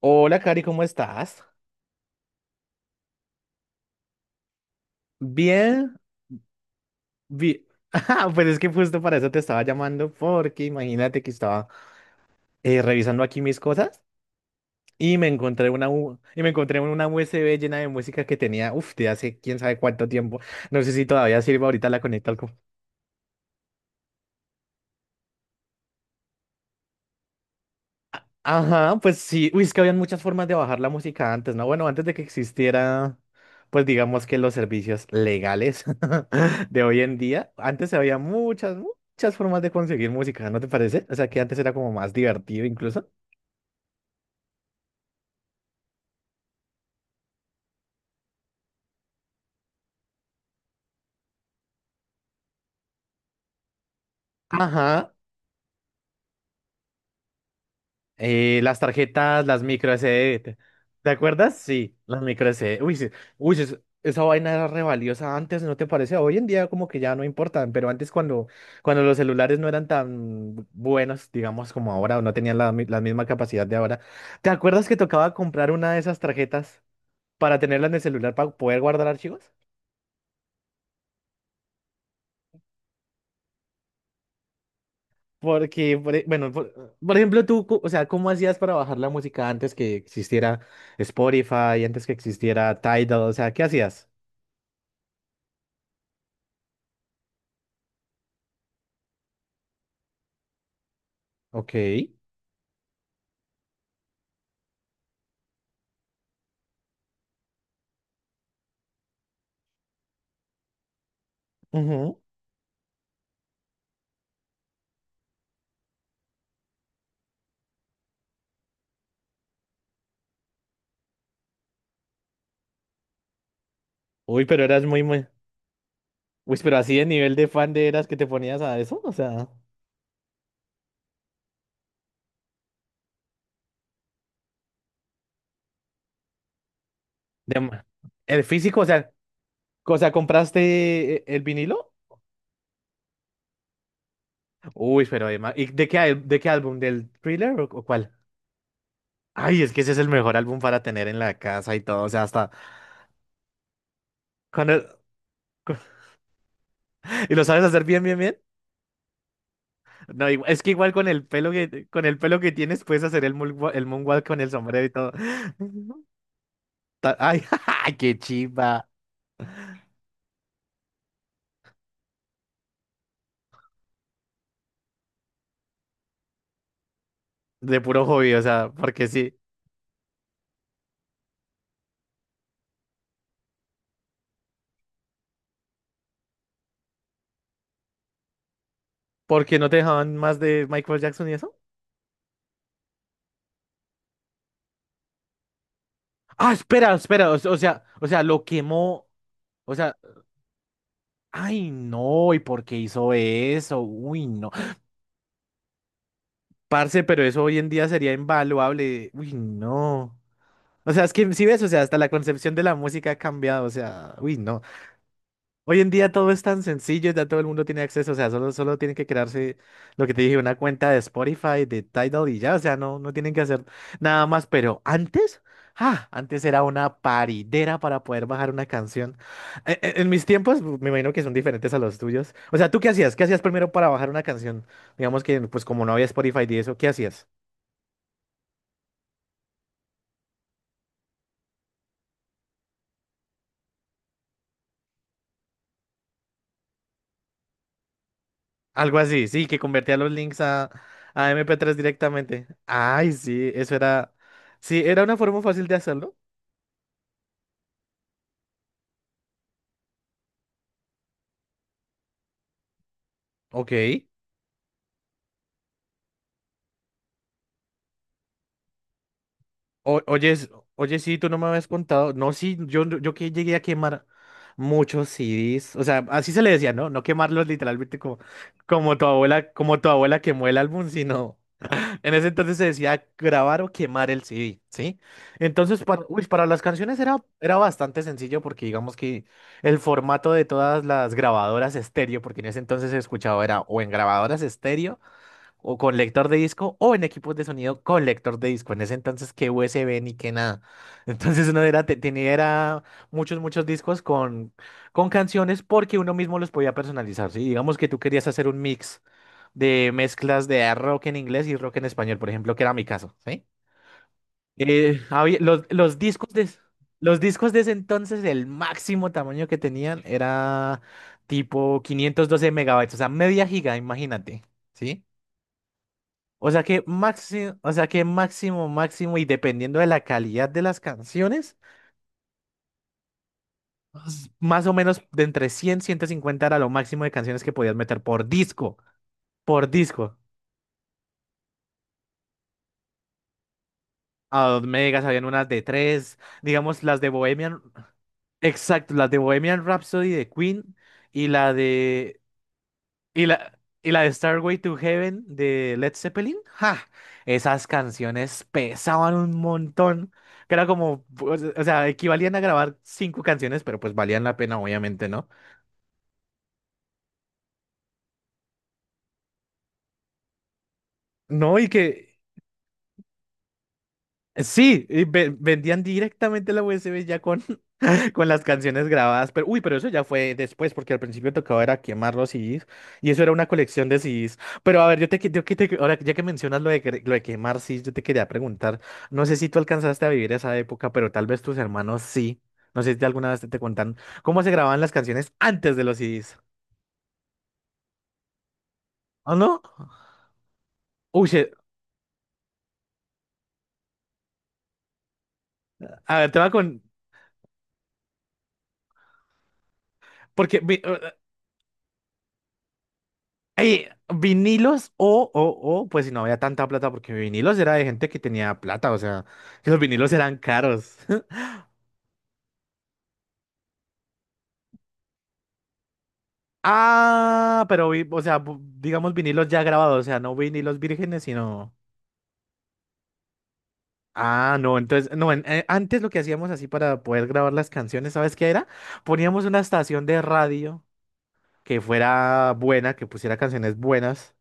Hola, Cari, ¿cómo estás? Bien, bien. Ah, pues es que justo para eso te estaba llamando, porque imagínate que estaba revisando aquí mis cosas y me encontré una USB llena de música que tenía, uff, de hace quién sabe cuánto tiempo. No sé si todavía sirve, ahorita la conecto al. Ajá, pues sí. Uy, es que habían muchas formas de bajar la música antes, ¿no? Bueno, antes de que existiera, pues digamos que los servicios legales de hoy en día, antes había muchas, muchas formas de conseguir música, ¿no te parece? O sea, que antes era como más divertido incluso. Ajá, las tarjetas, las micro SD. ¿Te acuerdas? Sí, las micro SD. Uy, sí. Uy, sí, esa vaina era re valiosa antes, ¿no te parece? Hoy en día como que ya no importan, pero antes cuando los celulares no eran tan buenos, digamos, como ahora, o no tenían la misma capacidad de ahora. ¿Te acuerdas que tocaba comprar una de esas tarjetas para tenerla en el celular para poder guardar archivos? Porque, bueno, por ejemplo, tú, o sea, ¿cómo hacías para bajar la música antes que existiera Spotify, antes que existiera Tidal? O sea, ¿qué hacías? Ok. Ujú. Uy, pero eras muy, muy... Uy, pero así de nivel de fan de eras que te ponías a eso, o sea... de ma- El físico, o sea, ¿compraste el vinilo? Uy, pero además... ¿Y de qué álbum? ¿Del Thriller o cuál? Ay, es que ese es el mejor álbum para tener en la casa y todo, o sea, hasta... Cuando... ¿Y lo sabes hacer bien, bien, bien? No, es que igual con el pelo que tienes puedes hacer el moonwalk con el sombrero y todo. Ay, qué chiva. De puro hobby, o sea, porque sí. ¿Porque no te dejaban más de Michael Jackson y eso? Ah, espera, espera, o sea, lo quemó. O sea, ay, no, ¿y por qué hizo eso? Uy, no. Parce, pero eso hoy en día sería invaluable. Uy, no. O sea, es que si ves, o sea, hasta la concepción de la música ha cambiado, o sea, uy, no. Hoy en día todo es tan sencillo, ya todo el mundo tiene acceso, o sea, solo tienen que crearse lo que te dije, una cuenta de Spotify, de Tidal y ya, o sea, no, no tienen que hacer nada más, pero antes, antes era una paridera para poder bajar una canción. En mis tiempos, me imagino que son diferentes a los tuyos. O sea, ¿tú qué hacías? ¿Qué hacías primero para bajar una canción? Digamos que, pues como no había Spotify y eso, ¿qué hacías? Algo así, sí, que convertía los links a mp tres directamente. Ay, sí, eso era, sí, era una forma fácil de hacerlo. Ok. O- oye, s- oye, sí, tú no me habías contado. No, sí, yo que llegué a quemar muchos CDs. O sea, así se le decía, ¿no? No quemarlos literalmente como tu abuela quemó el álbum, sino. En ese entonces se decía grabar o quemar el CD, ¿sí? Entonces, para las canciones era bastante sencillo porque digamos que el formato de todas las grabadoras estéreo, porque en ese entonces se escuchaba era o en grabadoras estéreo o con lector de disco o en equipos de sonido con lector de disco. En ese entonces, que USB ni que nada. Entonces uno era, tenía era muchos, muchos discos con canciones porque uno mismo los podía personalizar. ¿Sí? Digamos que tú querías hacer un mix de mezclas de rock en inglés y rock en español, por ejemplo, que era mi caso. ¿Sí? Los discos de ese entonces, el máximo tamaño que tenían era tipo 512 megabytes, o sea, media giga, imagínate. ¿Sí? O sea que máximo, máximo, y dependiendo de la calidad de las canciones, más o menos de entre 100 150 era lo máximo de canciones que podías meter por disco, por disco. A 2 megas habían unas de 3, digamos las de Bohemian, exacto, las de Bohemian Rhapsody de Queen y la de y la de Starway to Heaven de Led Zeppelin, ¡ja! Esas canciones pesaban un montón, que era como, pues, o sea, equivalían a grabar cinco canciones, pero pues valían la pena, obviamente, ¿no? No, y que sí, y vendían directamente la USB ya con las canciones grabadas, pero eso ya fue después, porque al principio tocaba era quemar los CDs, y eso era una colección de CDs. Pero a ver, yo te, que- yo que te- ahora ya que mencionas lo de quemar CDs, yo te quería preguntar, no sé si tú alcanzaste a vivir esa época, pero tal vez tus hermanos sí. No sé si alguna vez te contaron cómo se grababan las canciones antes de los CDs. ¿O no? Uy, a ver, te va con. Porque eh, vinilos o, pues si no había tanta plata, porque vinilos era de gente que tenía plata, o sea, que los vinilos eran caros. Ah, pero o sea, digamos vinilos ya grabados, o sea, no vinilos vírgenes, sino. Ah, no, entonces, no, antes lo que hacíamos así para poder grabar las canciones, ¿sabes qué era? Poníamos una estación de radio que fuera buena, que pusiera canciones buenas,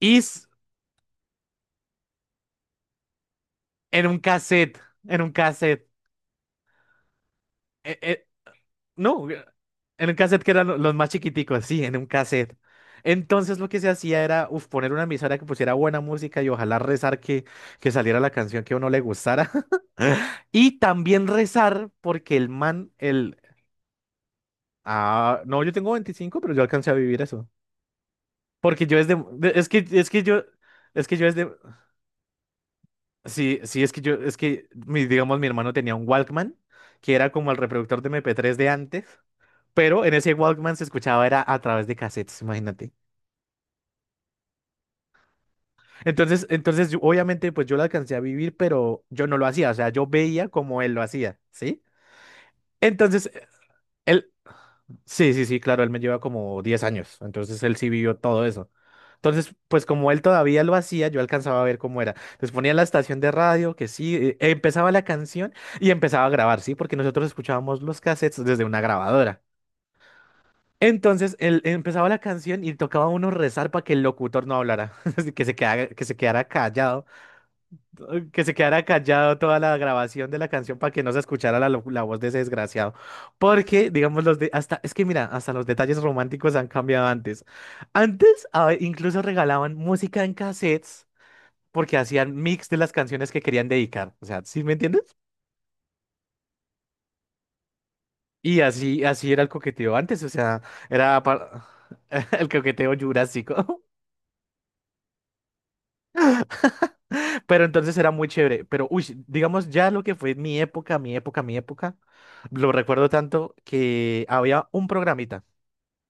y en un cassette, en un cassette. e, e, No, en un cassette que eran los más chiquiticos, sí, en un cassette. Entonces lo que se hacía era uf, poner una emisora que pusiera buena música y ojalá rezar que, saliera la canción que a uno le gustara. Y también rezar porque el man, el... Ah, no, yo tengo 25 pero yo alcancé a vivir eso. Porque yo desde... Es que yo... Es que yo desde... Sí, sí, es que yo... Es que, mi, digamos, mi hermano tenía un Walkman, que era como el reproductor de mp tres de antes. Pero en ese Walkman se escuchaba era a través de cassettes, imagínate. Entonces obviamente pues yo lo alcancé a vivir, pero yo no lo hacía, o sea, yo veía como él lo hacía, ¿sí? Entonces, él, sí, sí, sí, claro, él me lleva como 10 años, entonces él sí vivió todo eso. Entonces, pues como él todavía lo hacía, yo alcanzaba a ver cómo era. Entonces ponía la estación de radio, que sí, empezaba la canción y empezaba a grabar, ¿sí? Porque nosotros escuchábamos los cassettes desde una grabadora. Entonces él empezaba la canción y tocaba a uno rezar para que el locutor no hablara, así que se quedara callado, que se quedara callado toda la grabación de la canción para que no se escuchara la voz de ese desgraciado. Porque, digamos, es que mira, hasta los detalles románticos han cambiado antes. Antes incluso regalaban música en cassettes porque hacían mix de las canciones que querían dedicar. O sea, ¿sí me entiendes? Y así era el coqueteo antes, o sea, era para- el coqueteo jurásico. Pero entonces era muy chévere. Pero, uy, digamos ya lo que fue mi época, mi época, mi época, lo recuerdo tanto que había un programita.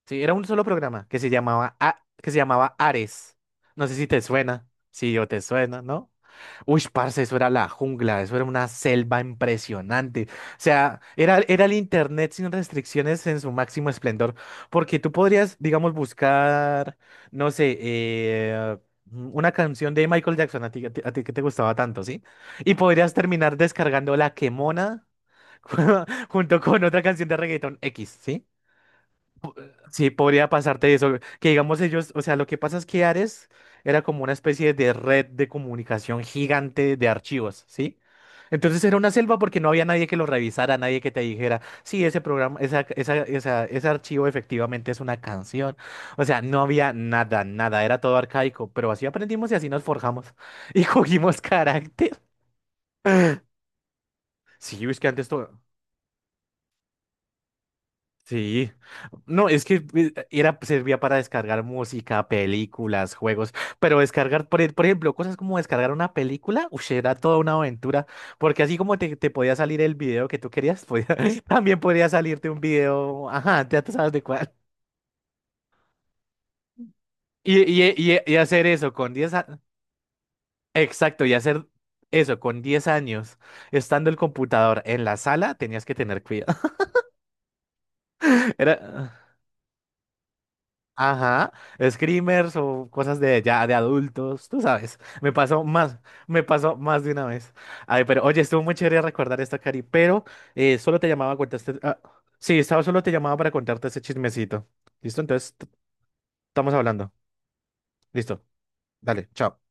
Sí, era un solo programa que se llamaba Ares. No sé si te suena, si yo te suena, ¿no? Uy, parce, eso era la jungla, eso era una selva impresionante. O sea, era el internet sin restricciones en su máximo esplendor, porque tú podrías, digamos, buscar, no sé, una canción de Michael Jackson, a ti que te gustaba tanto, ¿sí? Y podrías terminar descargando La Quemona junto con otra canción de reggaeton X, ¿sí? Sí, podría pasarte eso. Que digamos ellos, o sea, lo que pasa es que Ares era como una especie de red de comunicación gigante de archivos, ¿sí? Entonces era una selva porque no había nadie que lo revisara, nadie que te dijera, sí, ese programa, ese archivo efectivamente es una canción. O sea, no había nada, nada, era todo arcaico, pero así aprendimos y así nos forjamos y cogimos carácter. Sí, es que antes todo. Sí, no, es que servía para descargar música, películas, juegos, pero descargar, por ejemplo, cosas como descargar una película, ush, era toda una aventura, porque así como te podía salir el video que tú querías, también podía salirte un video, ajá, ya tú sabes de cuál. Y hacer eso con 10 años, exacto, y hacer eso con 10 años, estando el computador en la sala, tenías que tener cuidado. Era. Ajá, screamers o cosas de ya de adultos, tú sabes. Me pasó más de una vez. Ay, pero oye, estuvo muy chévere recordar esta, Cari, pero solo te llamaba a contarte. Sí, estaba solo te llamaba para contarte ese chismecito. ¿Listo? Entonces estamos hablando. Listo. Dale, chao.